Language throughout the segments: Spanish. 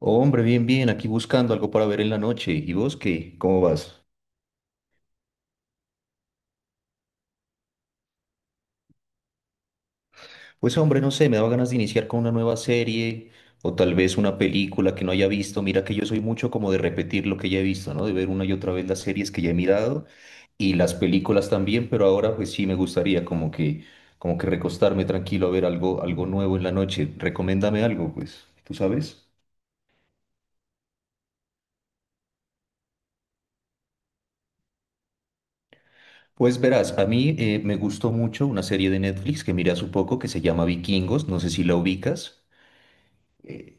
Hombre, bien, bien, aquí buscando algo para ver en la noche. ¿Y vos qué? ¿Cómo vas? Pues hombre, no sé, me daba ganas de iniciar con una nueva serie o tal vez una película que no haya visto. Mira que yo soy mucho como de repetir lo que ya he visto, ¿no? De ver una y otra vez las series que ya he mirado y las películas también, pero ahora pues sí me gustaría como que recostarme tranquilo a ver algo nuevo en la noche. Recomiéndame algo, pues. ¿Tú sabes? Pues verás, a mí me gustó mucho una serie de Netflix que miré hace poco que se llama Vikingos, no sé si la ubicas. Eh,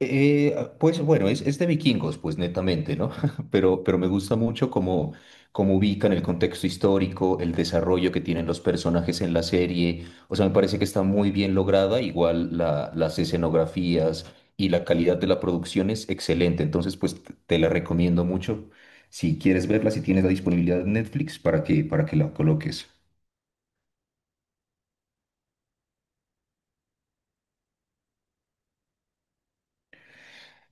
Pues bueno, es de vikingos, pues netamente, ¿no? Pero me gusta mucho cómo ubican el contexto histórico, el desarrollo que tienen los personajes en la serie. O sea, me parece que está muy bien lograda, igual las escenografías y la calidad de la producción es excelente. Entonces, pues te la recomiendo mucho. Si quieres verla, si tienes la disponibilidad de Netflix, para que la coloques.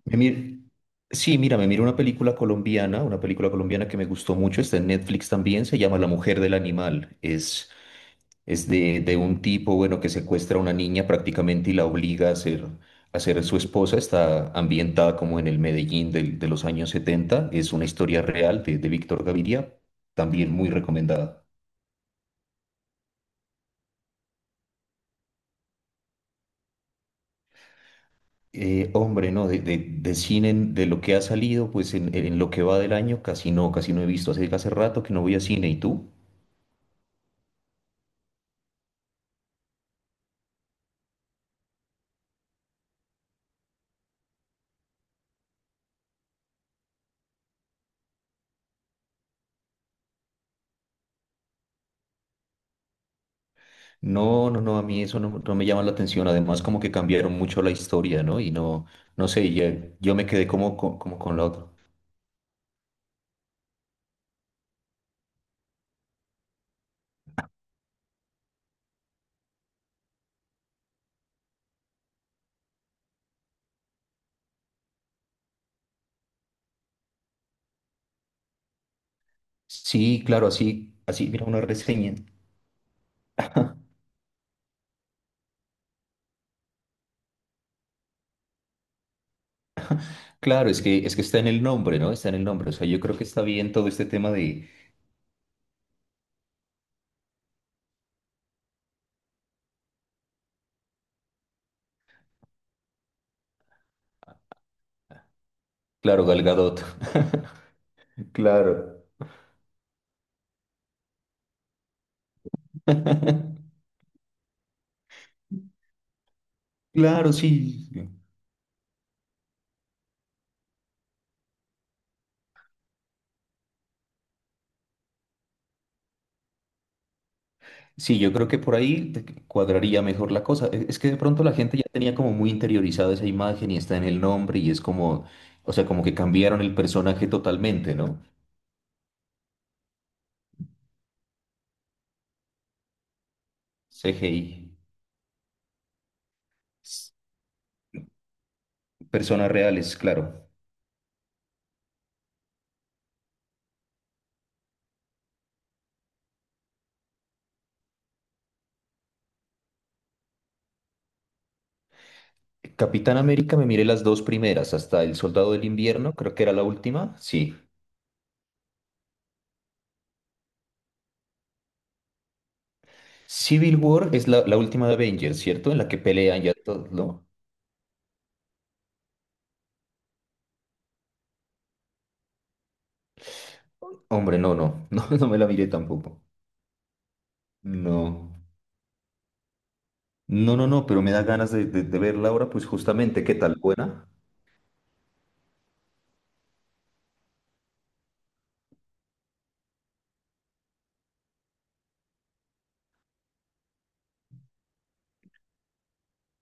Me mir- Sí, mira, me miro una película colombiana, que me gustó mucho, está en Netflix también, se llama La Mujer del Animal. Es de un tipo, bueno, que secuestra a una niña prácticamente y la obliga a a ser su esposa. Está ambientada como en el de los años setenta. Es una historia real de Víctor Gaviria, también muy recomendada. Hombre, no, de cine, de lo que ha salido, en lo que va del año, casi no he visto. Hace rato que no voy a cine, ¿y tú? No, no, no, a mí eso no me llama la atención. Además, como que cambiaron mucho la historia, ¿no? Y no, no sé, yo me quedé como, con la otra. Sí, claro, así, mira, una reseña. Claro, es que está en el nombre, ¿no? Está en el nombre. O sea, yo creo que está bien todo este tema de, claro, Gal Gadot. Claro. Claro, sí. Sí, yo creo que por ahí te cuadraría mejor la cosa. Es que de pronto la gente ya tenía como muy interiorizada esa imagen y está en el nombre y es como, o sea, como que cambiaron el personaje totalmente, ¿no? CGI. S- Personas reales, claro. Capitán América me miré las dos primeras, hasta El Soldado del Invierno, creo que era la última, sí. Civil War es la última de Avengers, ¿cierto? En la que pelean ya todos, ¿no? Hombre, no, no, no, no me la miré tampoco. No. No, no, no, pero me da ganas de verla ahora, pues justamente, ¿qué tal? ¿Buena?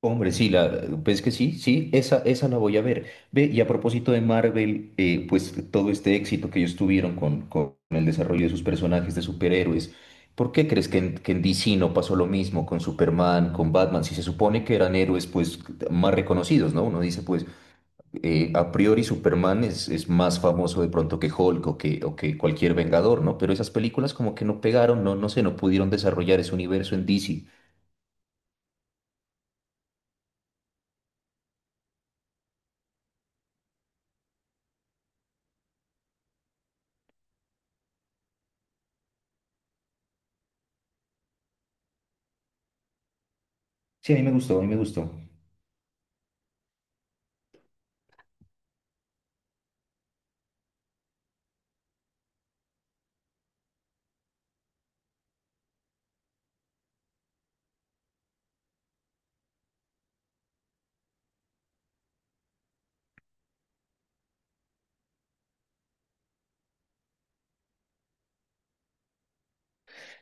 Hombre, sí, la, ves que sí, sí, esa la voy a ver. Ve, y a propósito de Marvel, pues todo este éxito que ellos tuvieron con el desarrollo de sus personajes de superhéroes, ¿por qué crees que en DC no pasó lo mismo con Superman, con Batman? Si se supone que eran héroes, pues, más reconocidos, ¿no? Uno dice, pues, a priori Superman es más famoso de pronto que Hulk o que cualquier Vengador, ¿no? Pero esas películas como que no pegaron, no, no sé, no pudieron desarrollar ese universo en DC. Sí, a mí me gustó, a mí me gustó.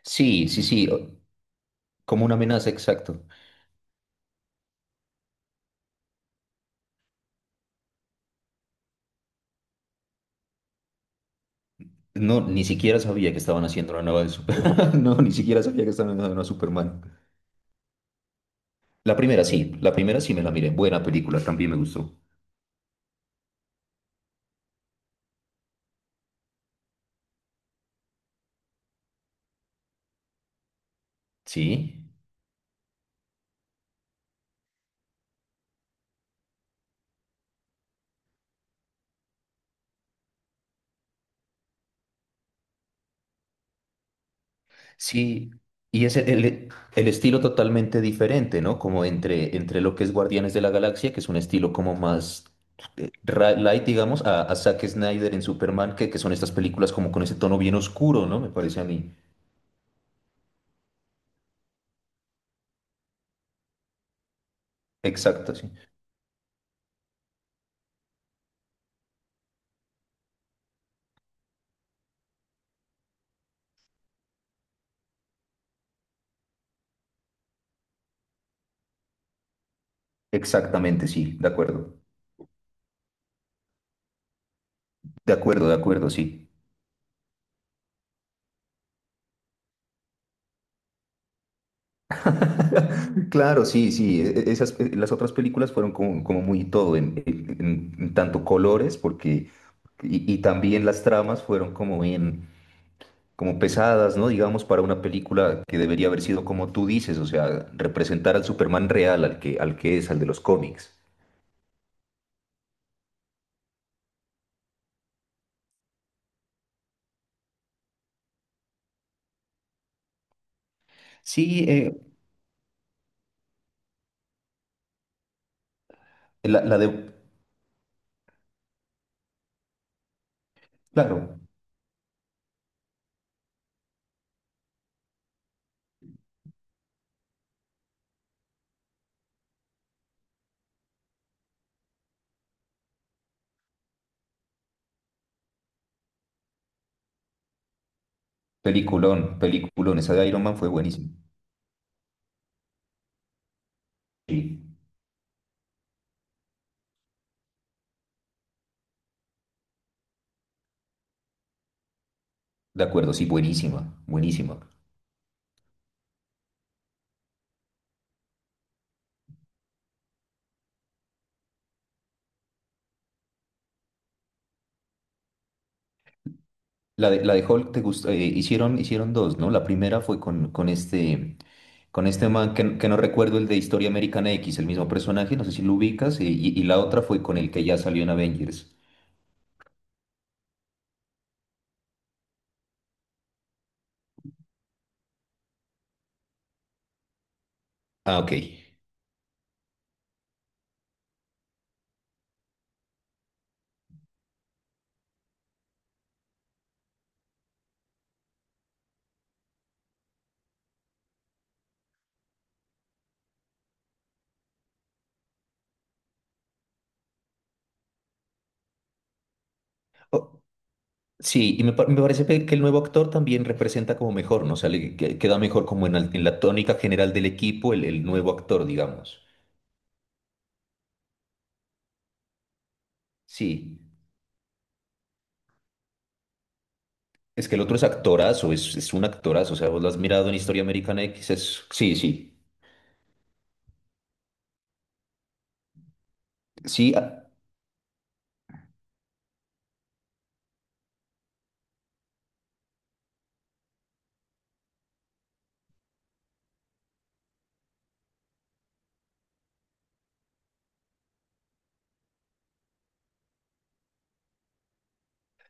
Sí, sí, sí, como una amenaza, exacto. No, ni siquiera sabía que estaban haciendo una nueva de Superman. No, ni siquiera sabía que estaban haciendo una Superman. La primera sí me la miré. Buena película, también me gustó. Sí. Sí, y es el estilo totalmente diferente, ¿no? Como entre lo que es Guardianes de la Galaxia, que es un estilo como más light, digamos, a Zack Snyder en Superman, que son estas películas como con ese tono bien oscuro, ¿no? Me parece a mí. Exacto, sí. Exactamente, sí, de acuerdo. De acuerdo, de acuerdo, sí. Claro, sí, sí. Esas, las otras películas fueron como, como muy todo, en tanto colores, porque, y también las tramas fueron como bien como pesadas, ¿no? Digamos, para una película que debería haber sido como tú dices, o sea, representar al Superman real, al que es, al de los cómics. Sí, la de, claro, peliculón, peliculón, esa de Iron Man fue buenísima. Sí, de acuerdo, sí, buenísima, buenísima. La de Hulk te gusta, hicieron dos, ¿no? La primera fue con este man que no recuerdo el de Historia Americana X, el mismo personaje, no sé si lo ubicas, y, y la otra fue con el que ya salió en Avengers. Ah, ok. O- Sí, me parece que el nuevo actor también representa como mejor, ¿no? O sea, queda mejor como en, en la tónica general del equipo el nuevo actor, digamos. Sí, es que el otro es actorazo, es un actorazo, o sea, vos lo has mirado en Historia Americana X, es... Sí, sí, sí, ah,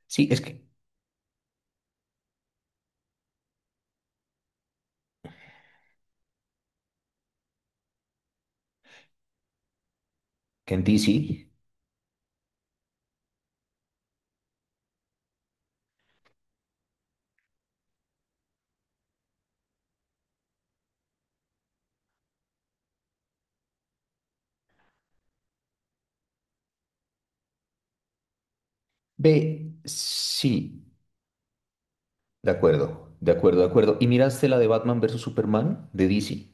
sí, es que en DC, ve, sí. De acuerdo, de acuerdo, de acuerdo. ¿Y miraste la de Batman versus Superman de DC?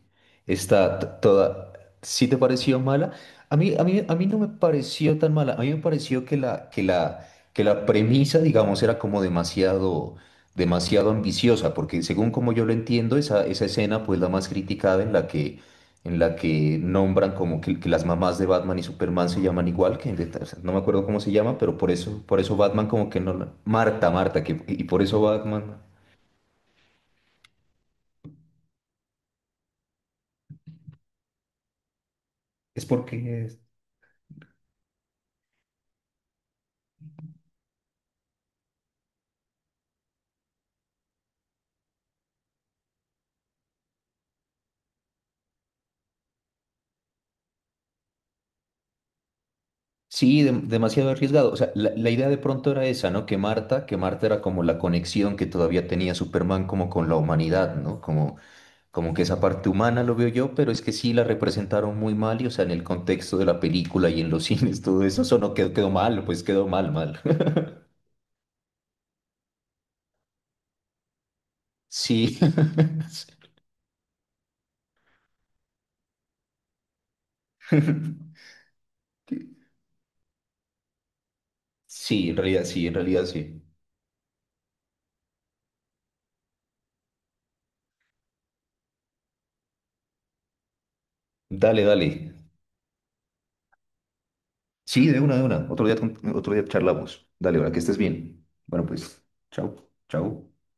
Está t- toda... ¿Sí te pareció mala? A mí, a mí, a mí no me pareció tan mala. A mí me pareció que que la premisa, digamos, era como demasiado, demasiado ambiciosa, porque según como yo lo entiendo, esa escena, pues la más criticada en la que nombran como que las mamás de Batman y Superman se llaman igual, que o sea, no me acuerdo cómo se llama, pero por eso Batman como que no... Marta, Marta, que, y por eso Batman... Es porque es- Sí, demasiado arriesgado. O sea, la idea de pronto era esa, ¿no? Que Marta era como la conexión que todavía tenía Superman como con la humanidad, ¿no? Como, como que esa parte humana lo veo yo, pero es que sí la representaron muy mal y, o sea, en el contexto de la película y en los cines, todo eso, eso no quedó, quedó mal, pues quedó mal, mal. Sí. Sí, en realidad sí, en realidad sí. Dale, dale. Sí, de una, de una. Otro día, otro día charlamos. Dale, ahora que estés bien. Bueno, pues, chao, chao.